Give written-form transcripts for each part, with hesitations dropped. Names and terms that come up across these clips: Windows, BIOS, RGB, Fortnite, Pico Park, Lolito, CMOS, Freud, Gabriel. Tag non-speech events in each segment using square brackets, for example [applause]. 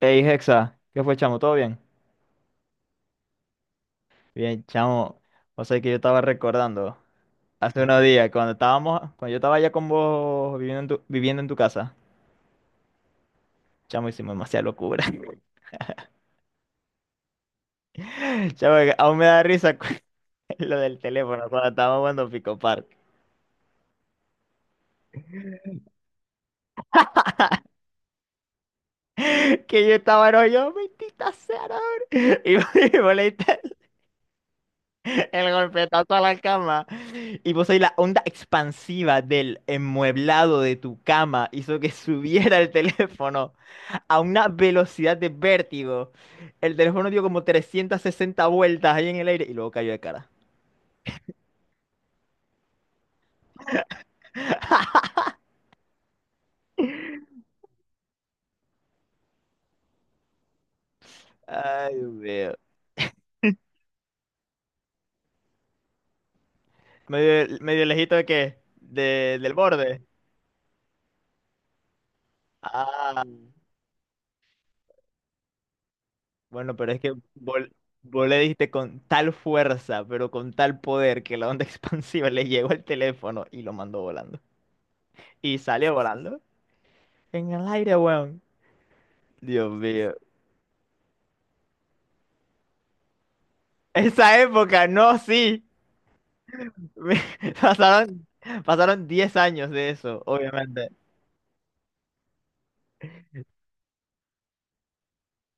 Hey, Hexa, ¿qué fue, chamo? ¿Todo bien? Bien, chamo. O sea que yo estaba recordando hace unos días cuando yo estaba allá con vos viviendo viviendo en tu casa. Chamo, hicimos demasiada locura. [laughs] Chamo, que aún me da risa [laughs] lo del teléfono cuando estábamos jugando Pico Park. [laughs] Que yo estaba, no, yo, mentita sea, no, hombre". Y vos [laughs] y vos le diste el golpetazo a la cama. Y vos ahí la onda expansiva del enmueblado de tu cama hizo que [laughs] subiera el teléfono a una velocidad de vértigo. El teléfono dio como 360 vueltas ahí en el aire y luego cayó de cara. Ay, Dios mío. Medio, medio lejito ¿de qué? Del borde. Ah, bueno, pero es que vos le diste con tal fuerza, pero con tal poder que la onda [laughs] expansiva le llegó al teléfono y lo mandó volando. Y salió volando en el aire, weón. Dios mío. Esa época, no, sí. [laughs] Pasaron, pasaron 10 años de eso, obviamente.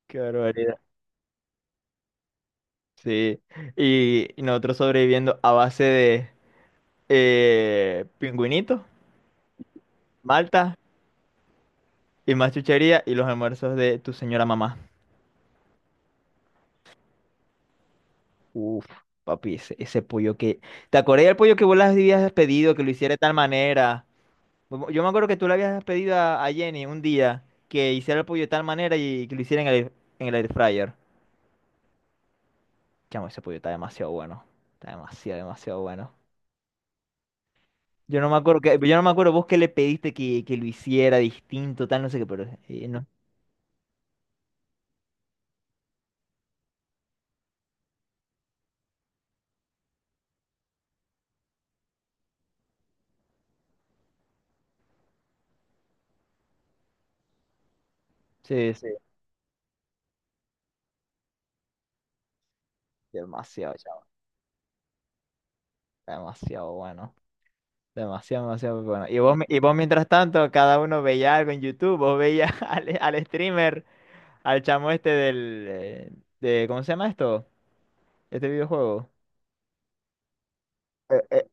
Qué barbaridad. Sí. Y nosotros sobreviviendo a base de pingüinitos, malta y más chuchería y los almuerzos de tu señora mamá. Uf, papi, ese pollo que... ¿Te acordás del pollo que vos le habías pedido que lo hiciera de tal manera? Yo me acuerdo que tú le habías pedido a Jenny un día que hiciera el pollo de tal manera y que lo hiciera en el air fryer. Chamo, ese pollo está demasiado bueno. Está demasiado, demasiado bueno. Yo no me acuerdo vos qué le pediste que lo hiciera distinto, tal, no sé qué, pero no. Sí, sí, demasiado, chavo, demasiado bueno. Demasiado, demasiado bueno. Y vos mientras tanto, cada uno veía algo en YouTube, vos veías [laughs] al streamer, al chamo este ¿cómo se llama esto? Este videojuego. Eh, eh,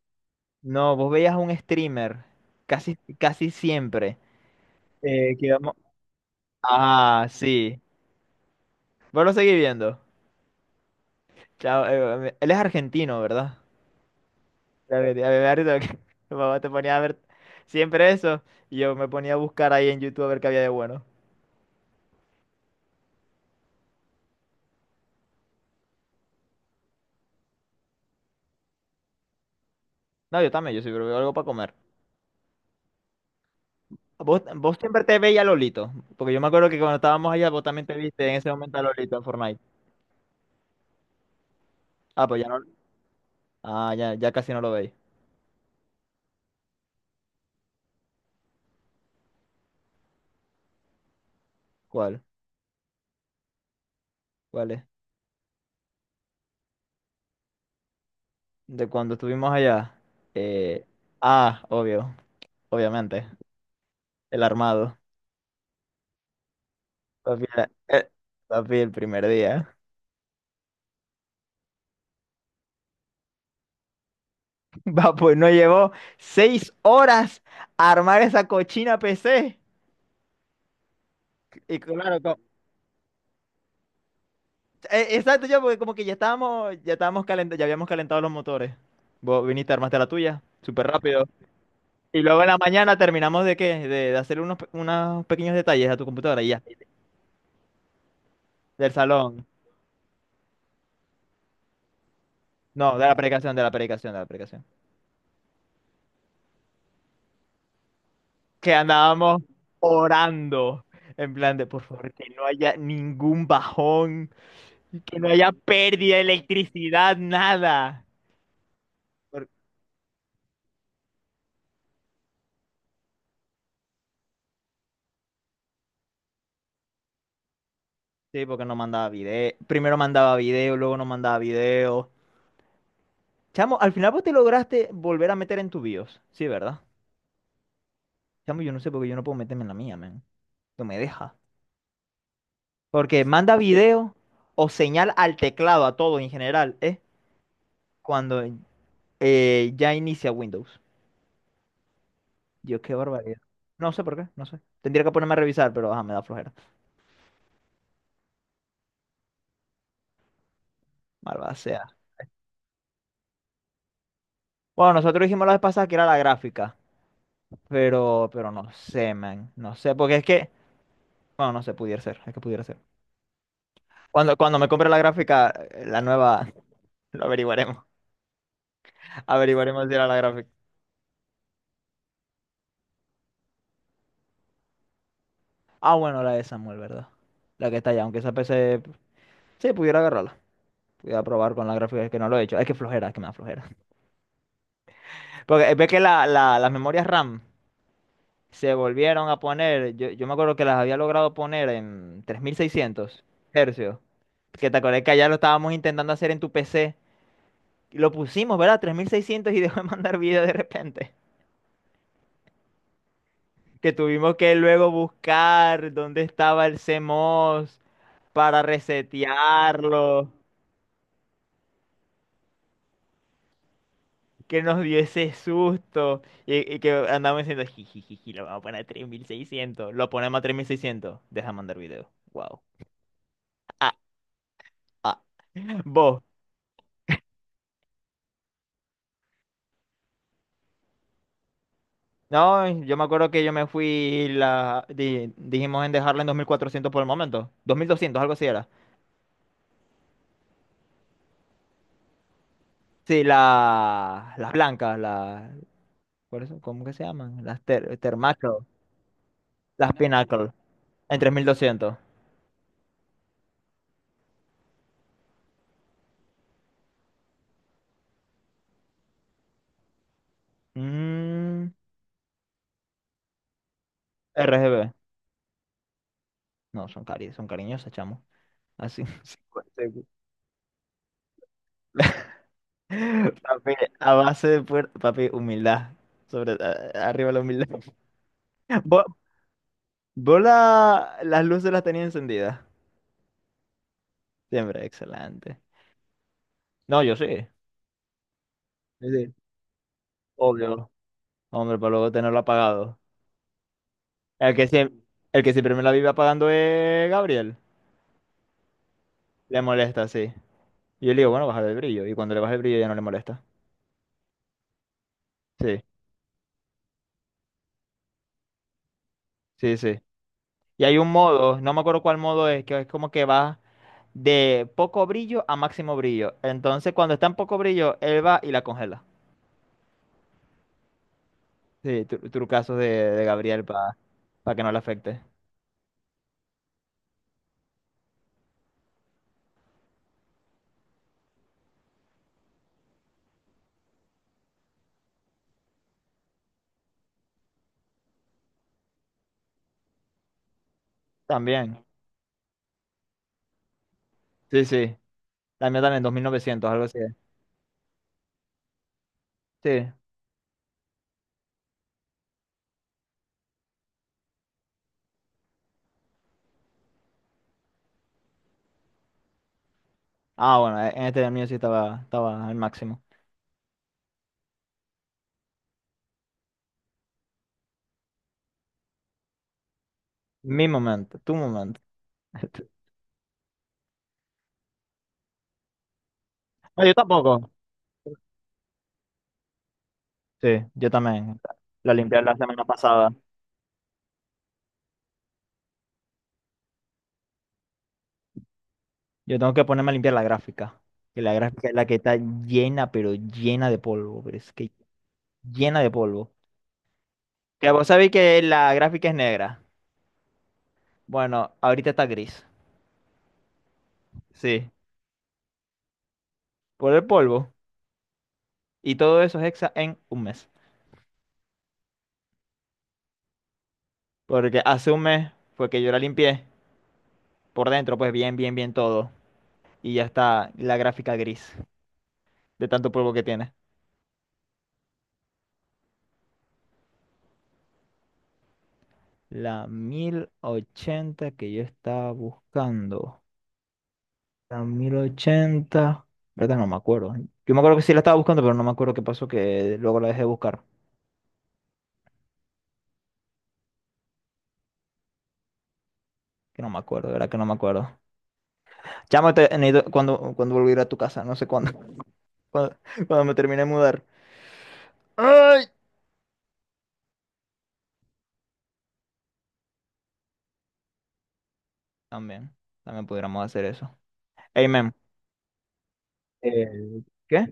no, vos veías a un streamer casi, casi siempre. Eh, que vamos- Ah, sí. Vos lo seguís viendo. Chao, él es argentino, ¿verdad? Ya me da risa porque [laughs] mi mamá te ponía a ver siempre eso y yo me ponía a buscar ahí en YouTube a ver qué había de bueno. No, yo también, yo siempre veo algo para comer. ¿Vos siempre te veías a Lolito? Porque yo me acuerdo que cuando estábamos allá vos también te viste en ese momento a Lolito en Fortnite. Ah, pues ya no. Ah, ya casi no lo veis. ¿Cuál? ¿Cuál es? De cuando estuvimos allá. Eh, obvio, obviamente. El armado. Papi, eh, papi, el primer día. [laughs] Va, pues no llevó 6 horas a armar esa cochina PC. Y claro, exacto, yo, porque como que ya estábamos, calentando, ya habíamos calentado los motores. Vos viniste, armaste la tuya, súper rápido. Y luego en la mañana terminamos de qué, de hacer unos pequeños detalles a tu computadora y ya, del salón. No, de la aplicación, de la aplicación, de la aplicación. Que andábamos orando, en plan de, por favor, que no haya ningún bajón, que no haya pérdida de electricidad, nada. Por- Sí, porque no mandaba video. Primero mandaba video, luego no mandaba video. Chamo, al final vos te lograste volver a meter en tu BIOS. Sí, ¿verdad? Chamo, yo no sé por qué yo no puedo meterme en la mía, man. No me deja. Porque manda video o señal al teclado, a todo en general, ¿eh? Cuando ya inicia Windows. Dios, qué barbaridad. No sé por qué, no sé. Tendría que ponerme a revisar, pero ajá, me da flojera. Malvada sea. Bueno, nosotros dijimos la vez pasada que era la gráfica. Pero no sé, man. No sé, porque es que. Bueno, no sé, pudiera ser, es que pudiera ser. Cuando me compre la gráfica, la nueva, [laughs] lo averiguaremos. Averiguaremos si era la gráfica. Ah, bueno, la de Samuel, ¿verdad? La que está allá, aunque esa PC, sí, pudiera agarrarla. Pudiera probar con la gráfica, es que no lo he hecho. Es que flojera, es que me da flojera. [laughs] Porque ve que las memorias RAM se volvieron a poner, yo me acuerdo que las había logrado poner en 3600 hercios. Que te acordás que allá lo estábamos intentando hacer en tu PC. Y lo pusimos, ¿verdad? 3600 y [laughs] dejó de mandar video de repente. Que tuvimos que luego buscar dónde estaba el CMOS para resetearlo, que nos dio ese susto y que andamos diciendo, jijijiji, lo vamos a poner a 3600, lo ponemos a 3600, deja mandar video, wow. Ah, ah. Vos, no, yo me acuerdo que yo me fui, dijimos en dejarla en 2400 por el momento, 2200 algo así era. Sí, las blancas, ¿cuáles son? ¿Cómo que se llaman? Las termacro, las pinnacle. En 3200. Mm, RGB. No, son cariñosas, chamo. Así. [laughs] 50 [laughs] Papi, a base de puer- Papi, humildad. Arriba la humildad. [laughs] ¿Vos, vos las luces las tenías encendidas? Siempre, excelente. No, yo sí. Sí, sí. Obvio. Hombre, para luego tenerlo apagado. El que siempre, el que siempre me la vive apagando es Gabriel. Le molesta, sí. Y yo le digo, bueno, bajar el brillo. Y cuando le baja el brillo ya no le molesta. Sí, sí, sí. Y hay un modo, no me acuerdo cuál modo es, que es como que va de poco brillo a máximo brillo. Entonces, cuando está en poco brillo, él va y la congela. Sí, trucazos de Gabriel para que no le afecte. También. Sí, sí. La mía también, 2900 algo así. Sí. Ah, bueno, en este el mío sí estaba al máximo. Mi momento, tu momento. [laughs] No, yo tampoco. Sí, yo también. La limpié la semana pasada. Yo tengo que ponerme a limpiar la gráfica. Que la gráfica es la que está llena, pero llena de polvo. Pero es que llena de polvo. Que vos sabéis que la gráfica es negra. Bueno, ahorita está gris. Sí, por el polvo. Y todo eso es hexa en un mes. Porque hace un mes fue que yo la limpié por dentro, pues bien, bien, bien todo. Y ya está la gráfica gris de tanto polvo que tiene. La 1080 que yo estaba buscando. La 1080 ¿verdad? No me acuerdo. Yo me acuerdo que sí la estaba buscando, pero no me acuerdo qué pasó, que luego la dejé de buscar. Que no me acuerdo, de ¿verdad? Que no me acuerdo. Chamo, cuando volví a ir a tu casa, no sé cuándo. [laughs] Cuando, cuando me termine de mudar. ¡Ay! También, también pudiéramos hacer eso. Amen. ¿Qué?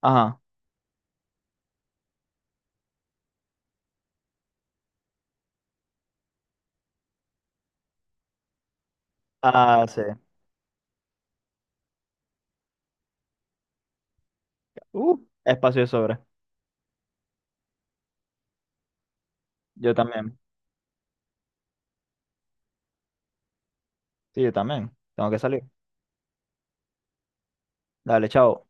Ajá. Ah, sí. Uh, espacio de sobra. Yo también. Sí, yo también. Tengo que salir. Dale, chao.